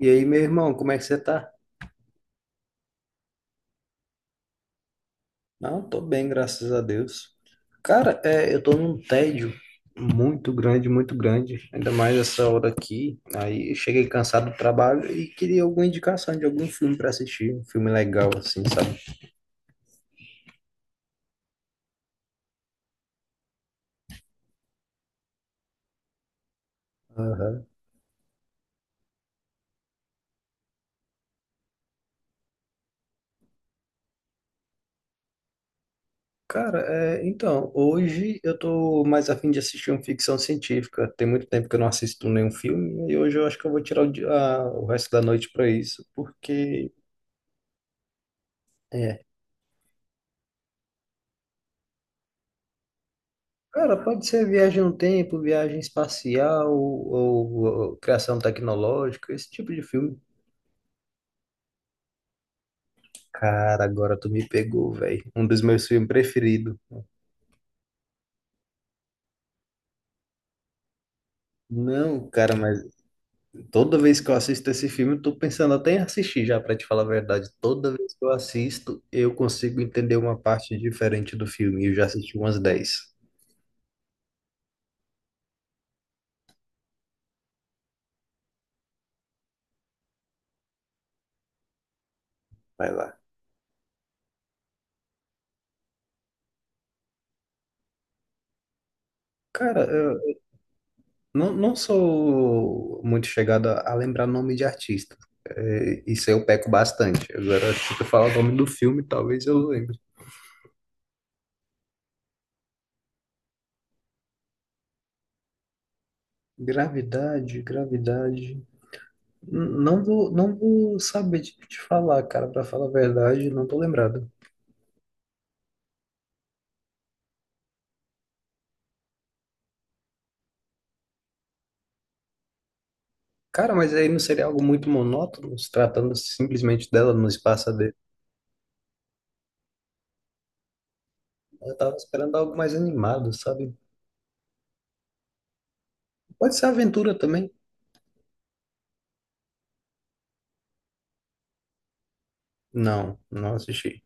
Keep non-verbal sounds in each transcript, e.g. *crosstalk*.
E aí, meu irmão, como é que você tá? Não, tô bem, graças a Deus. Cara, é, eu tô num tédio muito grande, ainda mais essa hora aqui. Aí eu cheguei cansado do trabalho e queria alguma indicação de algum filme pra assistir, um filme legal assim, sabe? Aham. Cara, é, então, hoje eu tô mais afim de assistir uma ficção científica. Tem muito tempo que eu não assisto nenhum filme e hoje eu acho que eu vou tirar o resto da noite pra isso, porque é, Cara, pode ser viagem no tempo, viagem espacial ou criação tecnológica, esse tipo de filme. Cara, agora tu me pegou, velho. Um dos meus filmes preferidos. Não, cara, mas toda vez que eu assisto esse filme, eu tô pensando até em assistir já, pra te falar a verdade. Toda vez que eu assisto, eu consigo entender uma parte diferente do filme. E eu já assisti umas dez Vai lá. Cara, Não, não sou muito chegado a lembrar nome de artista. É, isso eu peco bastante. Agora, se tu falar o nome do filme, talvez eu lembre. Gravidade, gravidade. Não vou saber te falar, cara, pra falar a verdade, não tô lembrado. Cara, mas aí não seria algo muito monótono, se tratando simplesmente dela no espaço dele. Eu tava esperando algo mais animado, sabe? Pode ser aventura também. Não, não assisti.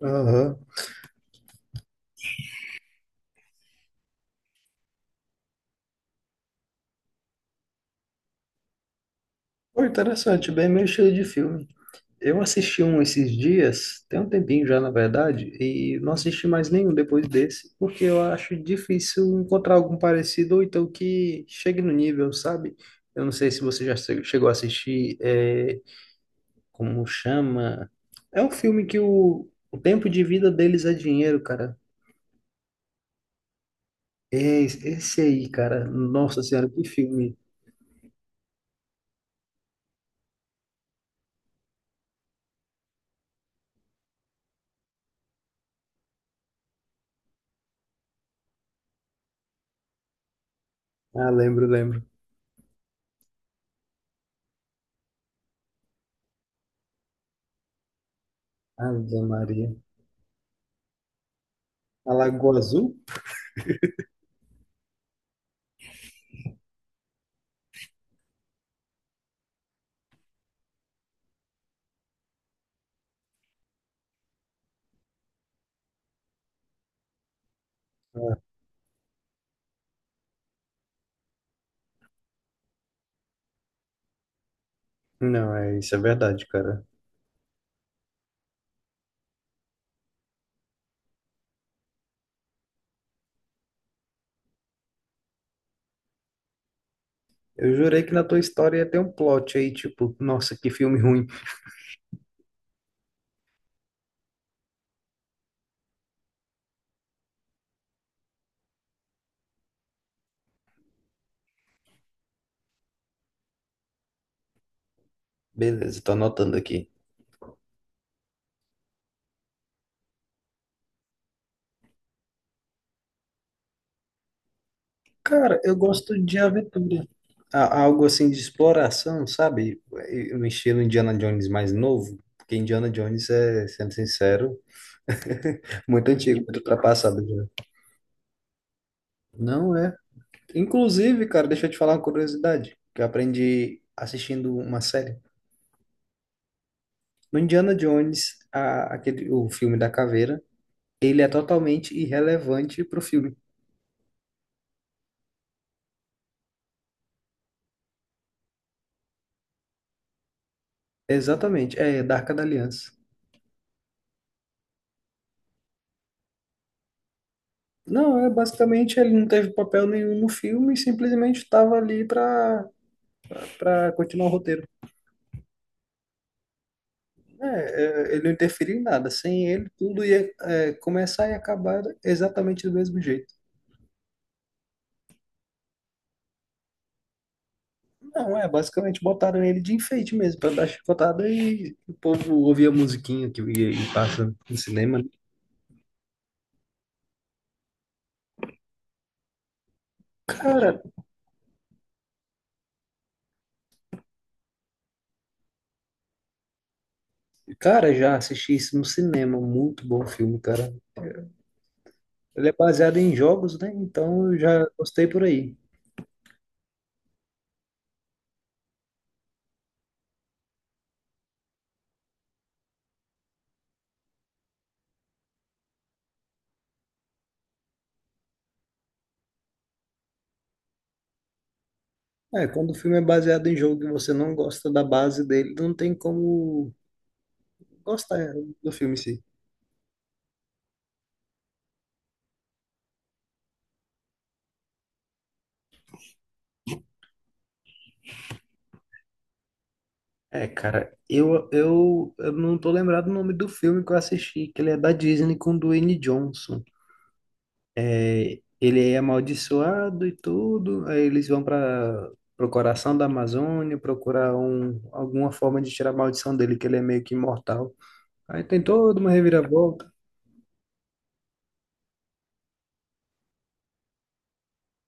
Aham. Pô, interessante, bem meu estilo de filme. Eu assisti um esses dias, tem um tempinho já, na verdade, e não assisti mais nenhum depois desse, porque eu acho difícil encontrar algum parecido ou então que chegue no nível, sabe? Eu não sei se você já chegou a assistir, como chama? É um filme que o tempo de vida deles é dinheiro, cara. É esse aí, cara. Nossa Senhora, que filme. Ah, lembro, lembro. Ave Maria. A Lagoa Azul? Ah, não, é isso, é verdade, cara. Eu jurei que na tua história ia ter um plot aí, tipo, nossa, que filme ruim. Beleza, tô anotando aqui. Cara, eu gosto de aventura. Algo assim de exploração, sabe? Um estilo Indiana Jones mais novo. Porque Indiana Jones é, sendo sincero, *laughs* muito antigo, muito ultrapassado já. Não é Inclusive, cara, deixa eu te falar uma curiosidade que eu aprendi assistindo uma série. No Indiana Jones, aquele, o filme da caveira, ele é totalmente irrelevante pro filme. Exatamente, é da Arca da Aliança. Não, é basicamente ele não teve papel nenhum no filme, simplesmente estava ali para continuar o roteiro. É, é, ele não interferiu em nada. Sem ele, tudo ia começar e acabar exatamente do mesmo jeito. Não, é, basicamente botaram ele de enfeite mesmo, pra dar chicotada e o povo ouvia a musiquinha que ia e passa no cinema, né? Cara, cara, já assisti isso no cinema, muito bom filme, cara. Ele é baseado em jogos, né? Então eu já gostei por aí. É, quando o filme é baseado em jogo e você não gosta da base dele, não tem como gostar do filme em si. É, cara, eu não tô lembrado o nome do filme que eu assisti, que ele é da Disney com o Dwayne Johnson. Ele é amaldiçoado e tudo. Aí eles vão para o coração da Amazônia procurar alguma forma de tirar a maldição dele, que ele é meio que imortal. Aí tem toda uma reviravolta.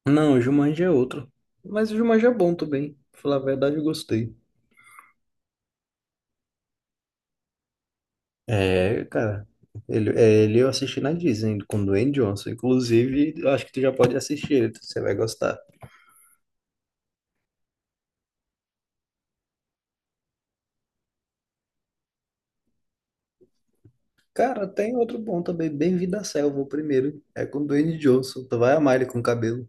Não, o Jumanji é outro. Mas o Jumanji é bom também. Pra falar a verdade, eu gostei. É, cara. Ele eu assisti na Disney com o Dwayne Johnson. Inclusive, eu acho que tu já pode assistir ele, você vai gostar. Cara, tem outro bom também, Bem-vindo à Selva, o primeiro. É com o Dwayne Johnson. Tu vai amar ele com o cabelo.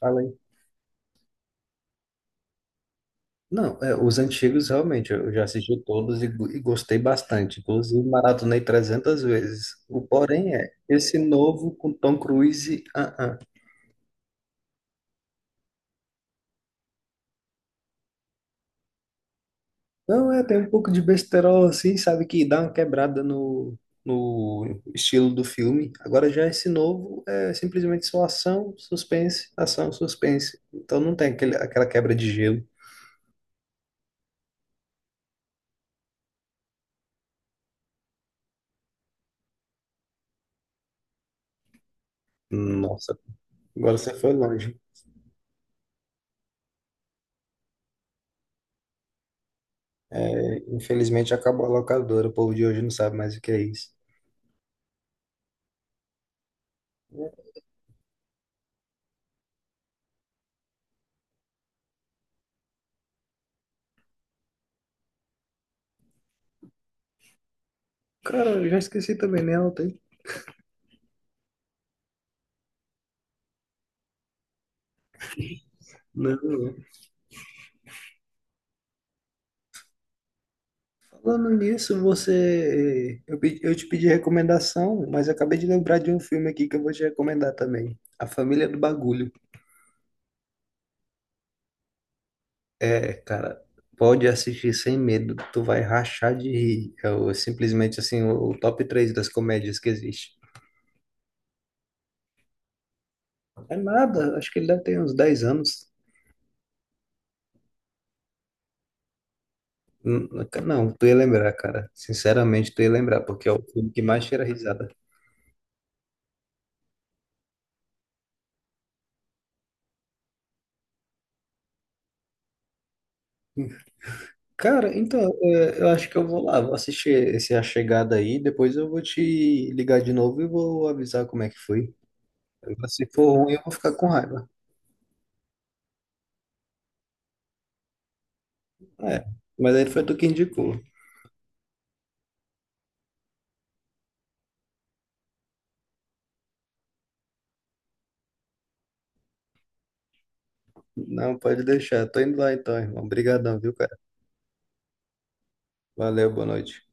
Fala aí. Não, os antigos realmente eu já assisti todos e gostei bastante. Inclusive, maratonei 300 vezes. O porém é, esse novo com Tom Cruise, ah. Não, tem um pouco de besterol assim, sabe, que dá uma quebrada no estilo do filme. Agora já esse novo é simplesmente só ação, suspense, ação, suspense. Então não tem aquele, aquela quebra de gelo. Nossa, agora você foi longe. É, infelizmente acabou a locadora, o povo de hoje não sabe mais o que é isso. Cara, eu já esqueci também, né? Não tem. Não. Falando nisso, você. Eu te pedi recomendação, mas eu acabei de lembrar de um filme aqui que eu vou te recomendar também. A Família do Bagulho. É, cara, pode assistir sem medo, tu vai rachar de rir. Simplesmente assim, o top 3 das comédias que existe. É nada, acho que ele deve ter uns 10 anos. Hum, Não, tu ia lembrar, cara. Sinceramente, tu ia lembrar, porque é o filme que mais tira risada. Cara, então, eu acho que eu vou lá, vou assistir esse A Chegada aí, depois eu vou te ligar de novo e vou avisar como é que foi. Se for ruim, eu vou ficar com raiva. É, mas aí foi tu que indicou. Não, pode deixar. Tô indo lá então, irmão. Obrigadão, viu, cara? Valeu, boa noite.